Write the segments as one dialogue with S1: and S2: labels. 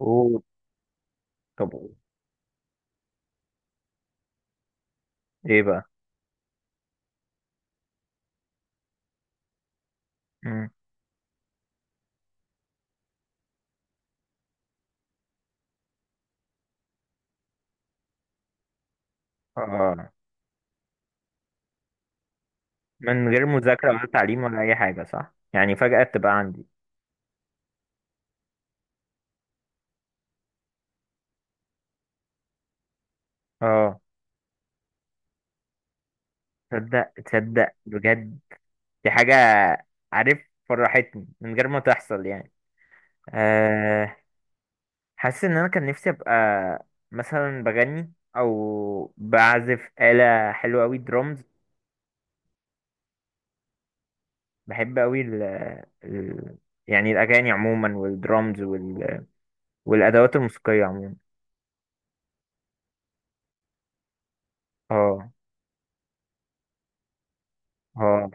S1: اوه. طب، ايه بقى؟ مم. اه، من غير مذاكرة ولا تعليم ولا اي حاجة، صح؟ يعني فجأة تبقى عندي. اه، تصدق بجد، دي حاجة، عارف، فرحتني من غير ما تحصل يعني. آه حاسس ان انا كان نفسي ابقى مثلا بغني او بعزف آلة حلوة قوي، درامز. بحب قوي ال يعني الاغاني عموما، والدرامز والادوات الموسيقية عموما. اه، اه،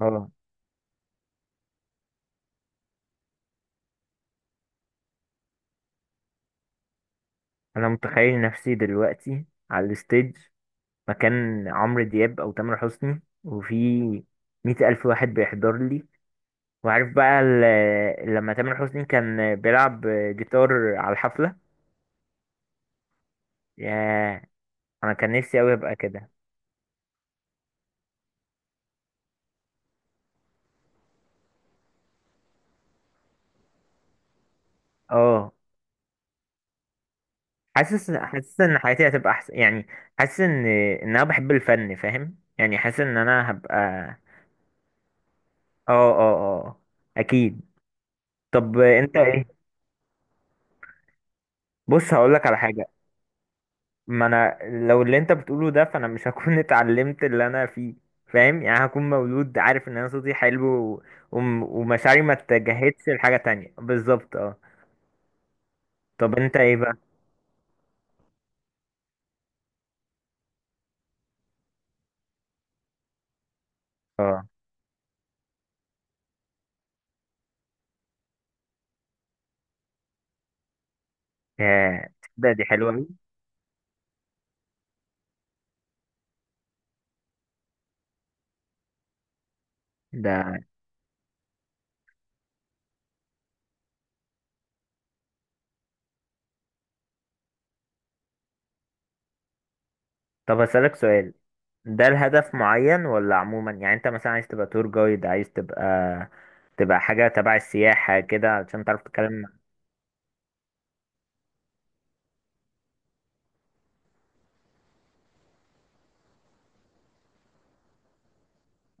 S1: اه. انا متخيل نفسي دلوقتي على الستيج، مكان عمرو دياب او تامر حسني، وفي 100,000 واحد بيحضر لي. وعارف بقى لما تامر حسني كان بيلعب جيتار على الحفلة، ياه، انا كان نفسي اوي ابقى كده. اه، حاسس ان حياتي هتبقى احسن يعني، حاسس ان انا بحب الفن، فاهم يعني، حاسس ان انا هبقى اه، اه، آه، اكيد. طب، انت ايه؟ بص، هقولك على حاجة. ما انا، لو اللي انت بتقوله ده فانا مش هكون اتعلمت اللي انا فيه، فاهم يعني، هكون مولود عارف ان انا صوتي حلو و... ومشاعري ما اتجهتش لحاجة تانية بالظبط، اه. طب، انت ايه بقى؟ اه، يا، تصدق، دي حلوة أوي. ده طب، هسألك سؤال، ده الهدف معين ولا عموما؟ يعني انت مثلا عايز تبقى تور جايد، عايز تبقى حاجة تبع السياحة كده علشان تعرف تتكلم مع-.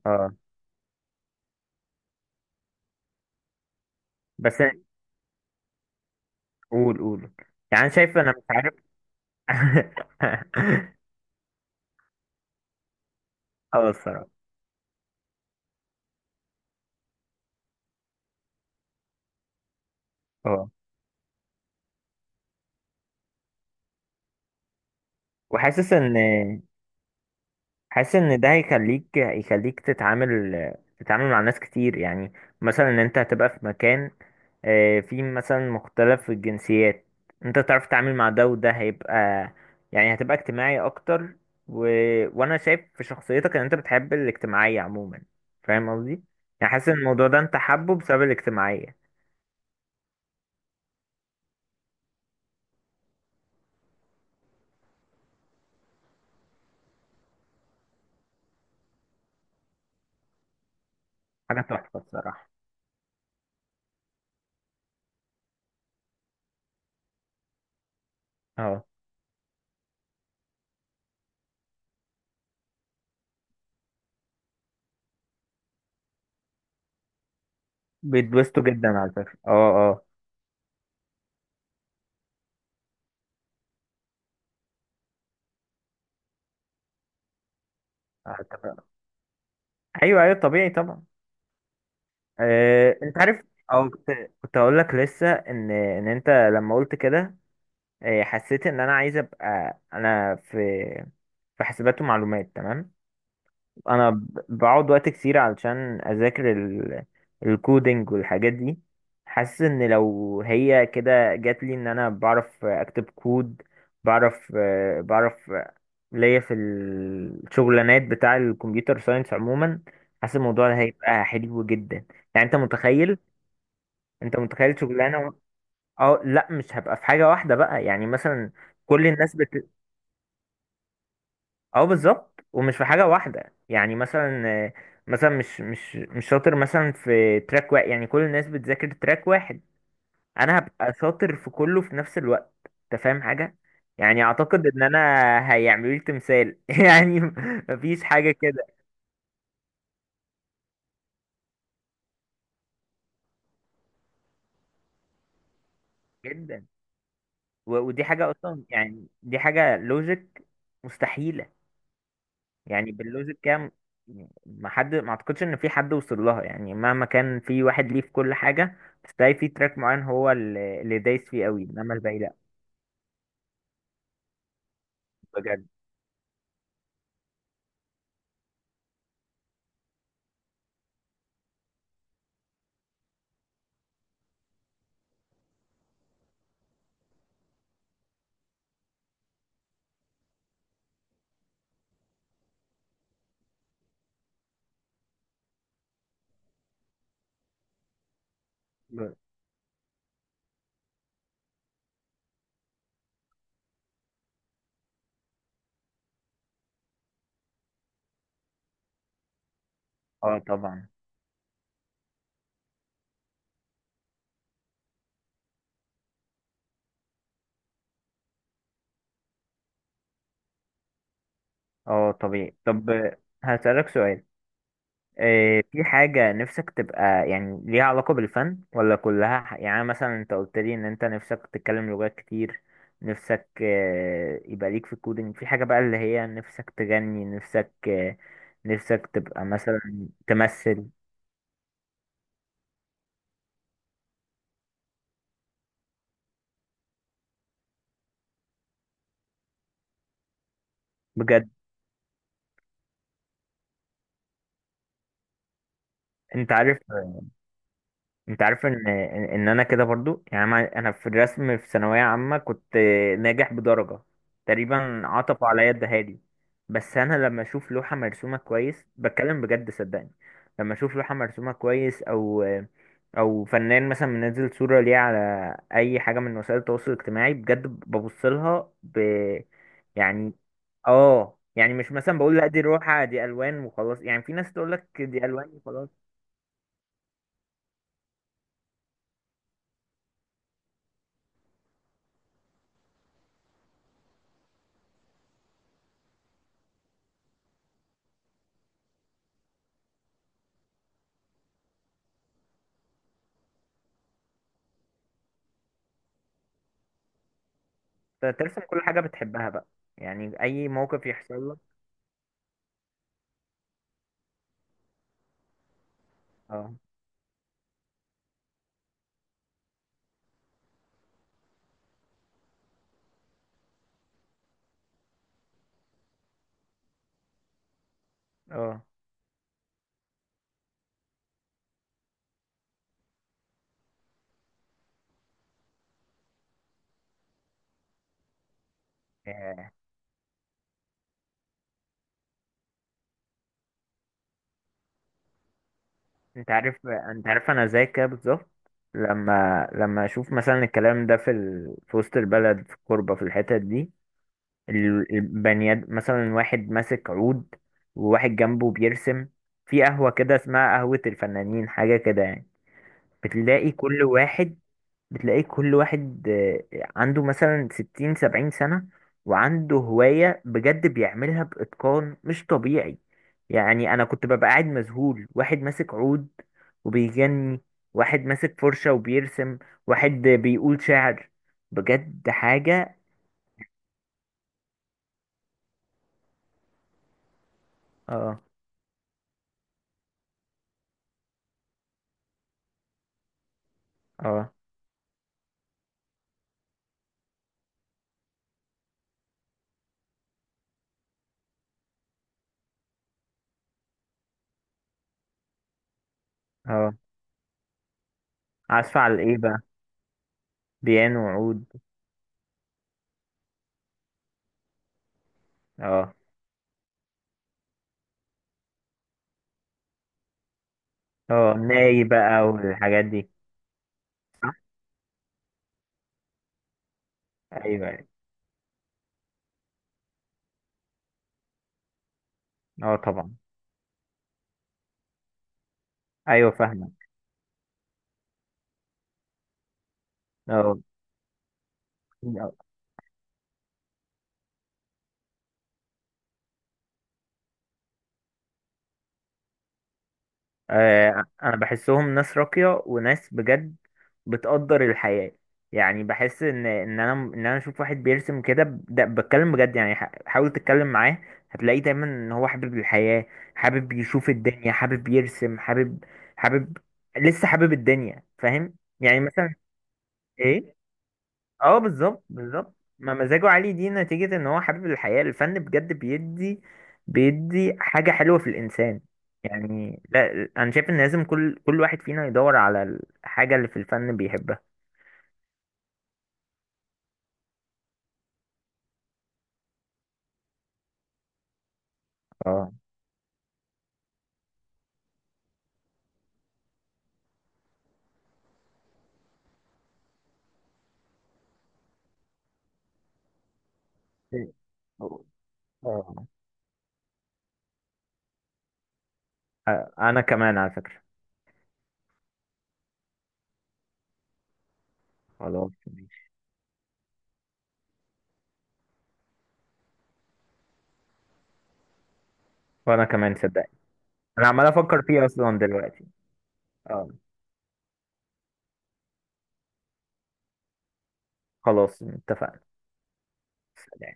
S1: اه، بس قول قول، يعني أنا شايف، انا مش عارف اه، الصراحة. اه، وحاسس ان حاسس ان ده هيخليك تتعامل مع ناس كتير يعني، مثلا ان انت هتبقى في مكان فيه مثلا مختلف الجنسيات، انت تعرف تتعامل مع ده، وده هيبقى، يعني هتبقى اجتماعي اكتر و... وانا شايف في شخصيتك ان انت بتحب الاجتماعية عموما، فاهم قصدي؟ يعني حاسس ان الموضوع ده انت حابه بسبب الاجتماعية. حاجة تحفة الصراحة. اه، بيتبسطوا جدا على فكرة، اه، اه. أتفق. ايوه، ايوه، طبيعي طبعا. انت عارف، او كنت كنت اقول لك لسه ان ان انت لما قلت كده، حسيت ان انا عايز ابقى، انا في حاسبات ومعلومات، تمام. انا بقعد وقت كتير علشان اذاكر الكودينج والحاجات دي. حاسس ان لو هي كده جات لي، ان انا بعرف اكتب كود، بعرف آه، بعرف آه، ليا في الشغلانات بتاع الكمبيوتر ساينس عموما. حاسس الموضوع ده هيبقى حلو جدا، يعني انت متخيل شغلانه اه، لا، مش هبقى في حاجه واحده بقى، يعني مثلا، كل الناس بت-. اه، بالظبط، ومش في حاجه واحده، يعني مثلا، مثلا مش شاطر مثلا في تراك واحد، يعني كل الناس بتذاكر تراك واحد، انا هبقى شاطر في كله في نفس الوقت. انت فاهم حاجه؟ يعني اعتقد ان انا هيعملوا لي تمثال يعني، مفيش حاجه كده جدا. ودي حاجه اصلا، يعني دي حاجه لوجيك، مستحيل. يعني باللوز الكام، ما حد، ما اعتقدش ان في حد وصل لها، يعني مهما كان في واحد ليه في كل حاجه، بس تلاقي في تراك معين هو اللي دايس فيه قوي، انما الباقي لا. بجد. اه، طبعا. اه، طبيعي. طب، هسألك سؤال، إيه، في حاجة نفسك تبقى، يعني ليها علاقة بالفن، ولا كلها يعني مثلا، انت قلت لي ان انت نفسك تتكلم لغات كتير، نفسك يبقى ليك في الكودينج، في حاجة بقى اللي هي نفسك تغني، نفسك نفسك تبقى مثلا تمثل. بجد. انت عارف انت عارف ان ان إن انا كده برضو، يعني أنا في الرسم في ثانويه عامه، كنت ناجح بدرجه، تقريبا عطفوا عليا الدهالي. بس انا لما اشوف لوحه مرسومه كويس، بتكلم بجد، صدقني، لما اشوف لوحه مرسومه كويس، او فنان مثلا منزل صوره ليه على اي حاجه من وسائل التواصل الاجتماعي، بجد ببص لها يعني. اه، يعني مش مثلا بقول لا دي روحه دي الوان وخلاص، يعني في ناس تقول لك دي الوان وخلاص. ترسم كل حاجة بتحبها بقى، يعني أي موقف يحصل لك. اه، اه. آه، انت عارف، انا زي كده بالظبط. لما اشوف مثلا الكلام ده في في وسط البلد، في الكوربة، في الحتت دي، البنياد، مثلا واحد ماسك عود، وواحد جنبه بيرسم، في قهوة كده اسمها قهوة الفنانين، حاجة كده يعني. بتلاقي كل واحد بتلاقيه كل واحد، عنده مثلا 60 70 سنة، وعنده هواية بجد بيعملها بإتقان مش طبيعي. يعني أنا كنت ببقى قاعد مذهول، واحد ماسك عود وبيغني، واحد ماسك فرشة وبيرسم، واحد بيقول شعر، بجد حاجة. اه، اه، اه. عزف على ايه بقى، بيانو وعود؟ اه، اه، ناي بقى والحاجات دي. صح؟ ايوه، أيوة. اه، طبعا. ايوه، فاهمة. اه، انا بحسهم ناس راقية وناس بجد بتقدر الحياة. يعني بحس ان انا اشوف واحد بيرسم كده ده بتكلم بجد، يعني حاول تتكلم معاه، هتلاقيه دايما ان هو حابب الحياة، حابب يشوف الدنيا، حابب يرسم، حابب لسه حابب الدنيا، فاهم يعني مثلا. ايه. اه، بالظبط، بالظبط، ما مزاجه عالي دي نتيجة ان هو حابب الحياة. الفن بجد بيدي حاجة حلوة في الانسان، يعني لا، انا شايف ان لازم كل واحد فينا يدور على الحاجة اللي في الفن بيحبها. اه. اه. انا كمان على فكرة، خلاص ماشي. وانا كمان صدقني، انا عمال افكر فيه اصلا دلوقتي. اه، خلاص اتفقنا. سلام.